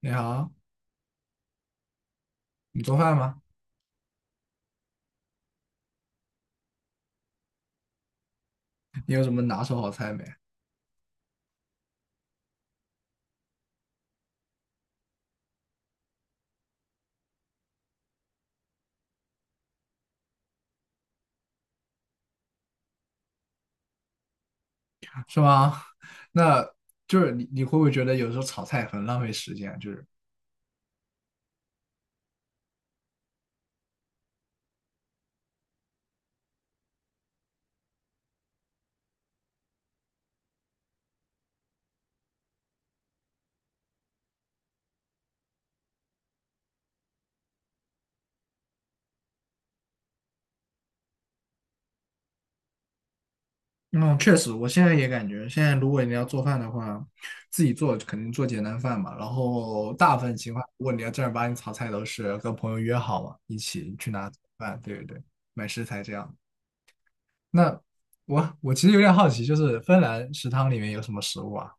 你好，你做饭吗？你有什么拿手好菜没？是吗？那就是你会不会觉得有时候炒菜很浪费时间？就是，嗯，确实，我现在也感觉，现在如果你要做饭的话，自己做肯定做简单饭嘛。然后大部分情况，如果你要正儿八经炒菜，都是跟朋友约好嘛，一起去拿饭，对对对，买食材这样。那我其实有点好奇，就是芬兰食堂里面有什么食物啊？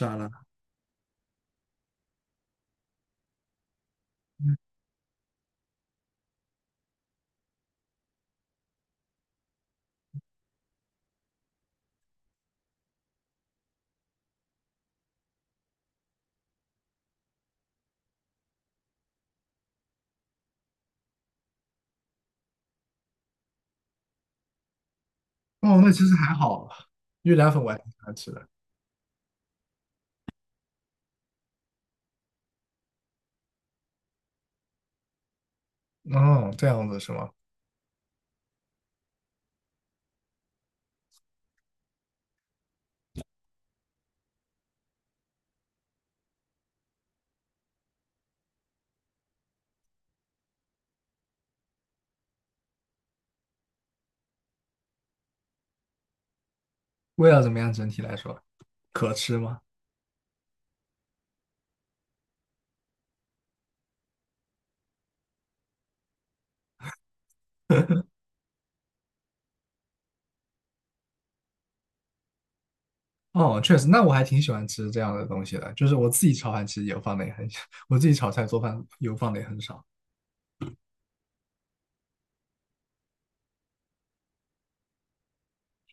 完了，哦，那其实还好，越南粉我还挺喜欢吃的。哦，这样子是吗？味道怎么样？整体来说，可吃吗？哦，确实，那我还挺喜欢吃这样的东西的。就是我自己炒饭其实油放的也很少，我自己炒菜做饭油放的也很少。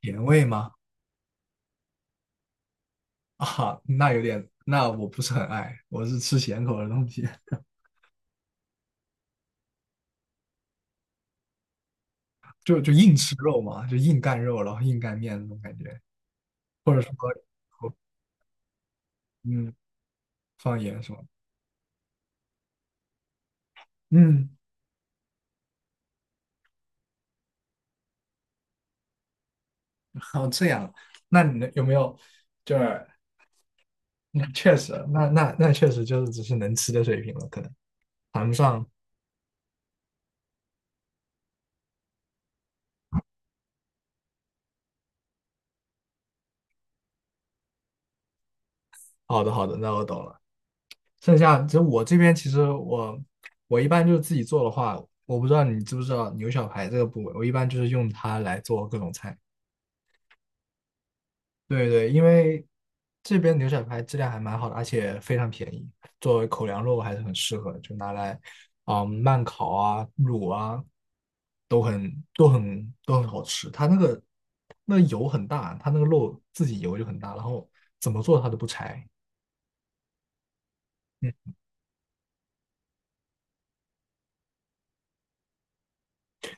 甜味吗？啊，那有点，那我不是很爱，我是吃咸口的东西，就硬吃肉嘛，就硬干肉，然后硬干面那种感觉，或者说，嗯，放盐什么，嗯，哦，这样，那你呢有没有就是那确实，那确实就是只是能吃的水平了，可能谈不上。好的，好的，那我懂了。剩下就我这边，其实我一般就是自己做的话，我不知道你知不知道牛小排这个部位，我一般就是用它来做各种菜。对对，因为这边牛小排质量还蛮好的，而且非常便宜，作为口粮肉还是很适合，就拿来啊、慢烤啊、卤啊，都很好吃。它那个那油很大，它那个肉自己油就很大，然后怎么做它都不柴。嗯，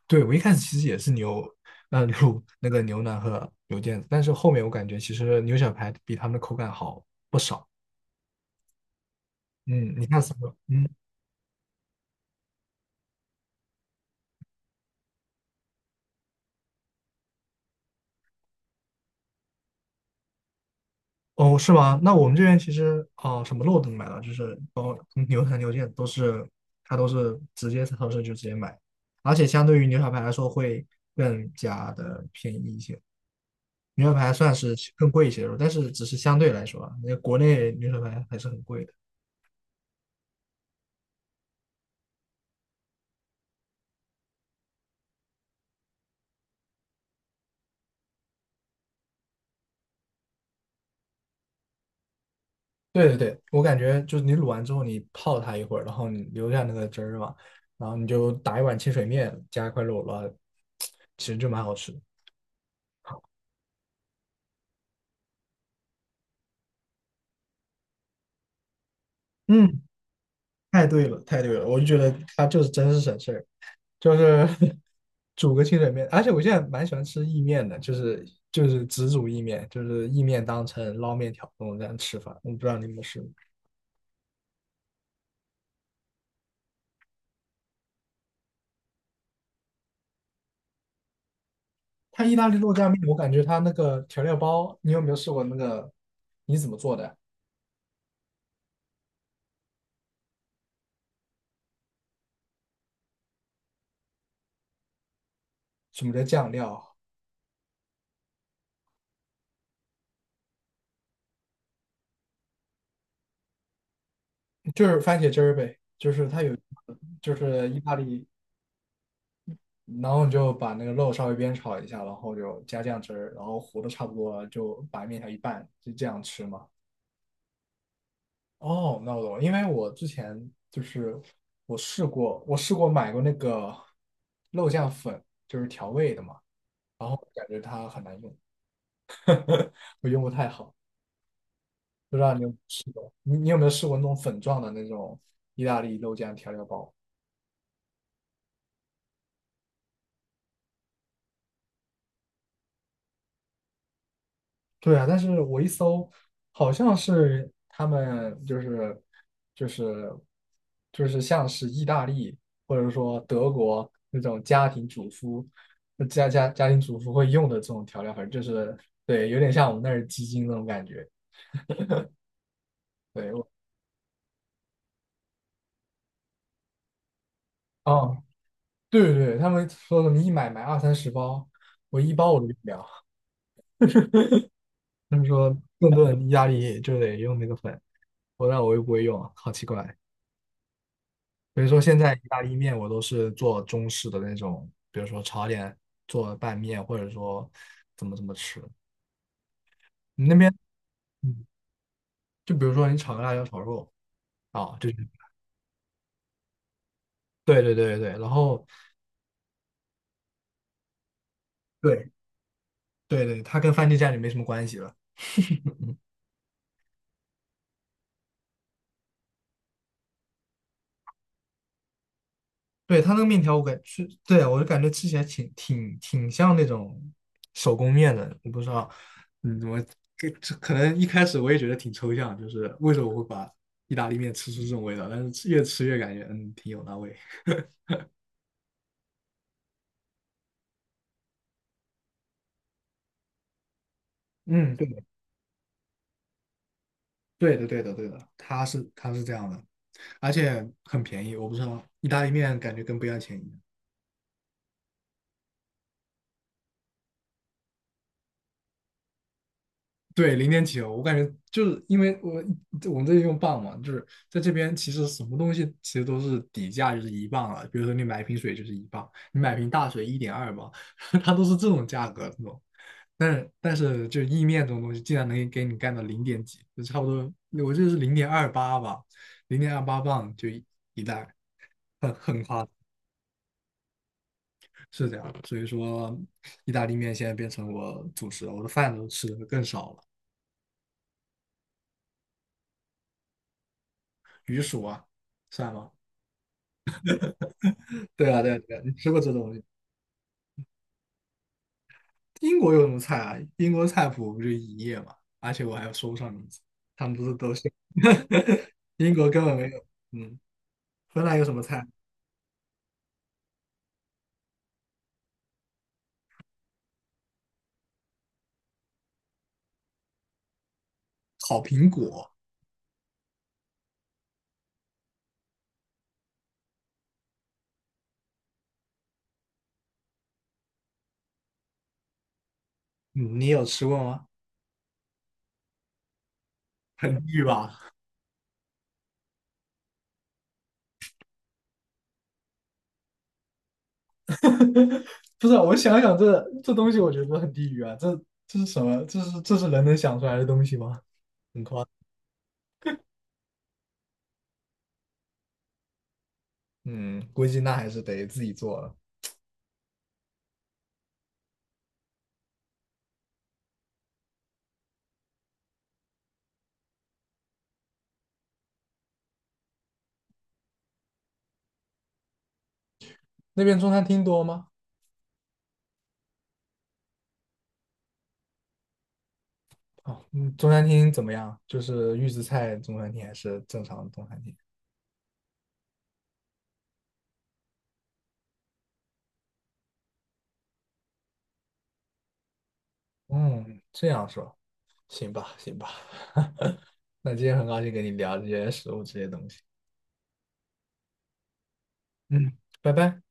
对，我一开始其实也是牛，卤那个牛腩和牛腱子，但是后面我感觉其实牛小排比他们的口感好不少。嗯，你看什么？嗯，哦，是吗？那我们这边其实什么肉都能买到，就是包括牛排、牛腱都是，它都是直接在超市就直接买，而且相对于牛小排来说会更加的便宜一些。牛小排算是更贵一些的肉，但是只是相对来说啊，那国内牛小排还是很贵的。对对对，我感觉就是你卤完之后，你泡它一会儿，然后你留下那个汁儿嘛，然后你就打一碗清水面，加一块肉了，然后其实就蛮好吃的。嗯，太对了，太对了，我就觉得它就是真是省事儿。就是 煮个清水面，而且我现在蛮喜欢吃意面的，就是只煮意面，就是意面当成捞面条那种这样吃法。我不知道你有没有试过，它意大利肉酱面，我感觉它那个调料包，你有没有试过那个？你怎么做的？什么叫酱料？就是番茄汁儿呗，就是它有，就是意大利，然后你就把那个肉稍微煸炒一下，然后就加酱汁儿，然后糊的差不多了，就把面条一拌，就这样吃嘛。哦，那我懂了，因为我之前就是我试过，我试过买过那个肉酱粉，就是调味的嘛，然后感觉它很难用，我用不太好，不知道你有没有试过？你有没有试过那种粉状的那种意大利肉酱调料包？对啊，但是我一搜，好像是他们就是就是像是意大利或者说德国那种家庭主妇家庭主妇会用的这种调料粉，就是对，有点像我们那儿鸡精那种感觉。对，我哦，对对对，他们说什么一买二三十包，我一包我都用不了。他们说顿顿意大利就得用那个粉，我那我又不会用，好奇怪。比如说现在意大利面我都是做中式的那种，比如说炒点做拌面，或者说怎么吃。你那边，嗯，就比如说你炒个辣椒炒肉啊，就是对对对对，然后对对对，它跟番茄酱就没什么关系了。对，它那个面条我感是，对啊，我就感觉吃起来挺像那种手工面的，我不知道，我这可能一开始我也觉得挺抽象，就是为什么我会把意大利面吃出这种味道，但是吃越吃越感觉挺有那味。嗯，对的，对的，对的，对的，它是这样的，而且很便宜。我不知道意大利面感觉跟不要钱一样。对，0.9，我感觉就是因为我们这里用磅嘛，就是在这边其实什么东西其实都是底价就是一磅了。比如说你买一瓶水就是一磅，你买瓶大水1.2磅，它都是这种价格这种。但是就意面这种东西，竟然能给你干到零点几，就差不多，我记得是零点二八吧，0.28磅就一袋，很夸张。是这样，所以说意大利面现在变成我主食了，我的饭都吃的更少了。鱼薯啊，算吗？对啊，对啊，对啊，你吃过这东西？英国有什么菜啊？英国菜谱不就一页吗？而且我还说不上名字，他们不是都是 英国根本没有。嗯，芬兰有什么菜？烤苹果，嗯，你有吃过吗？很地狱吧？不是啊，我想想这东西，我觉得很地狱啊！这是什么？这是人能想出来的东西吗？很嗯，估计那还是得自己做了。那边中餐厅多吗？哦，中餐厅怎么样？就是预制菜中餐厅还是正常的中餐厅？嗯，这样说行吧，行吧。那今天很高兴跟你聊这些食物这些东西。嗯，拜拜。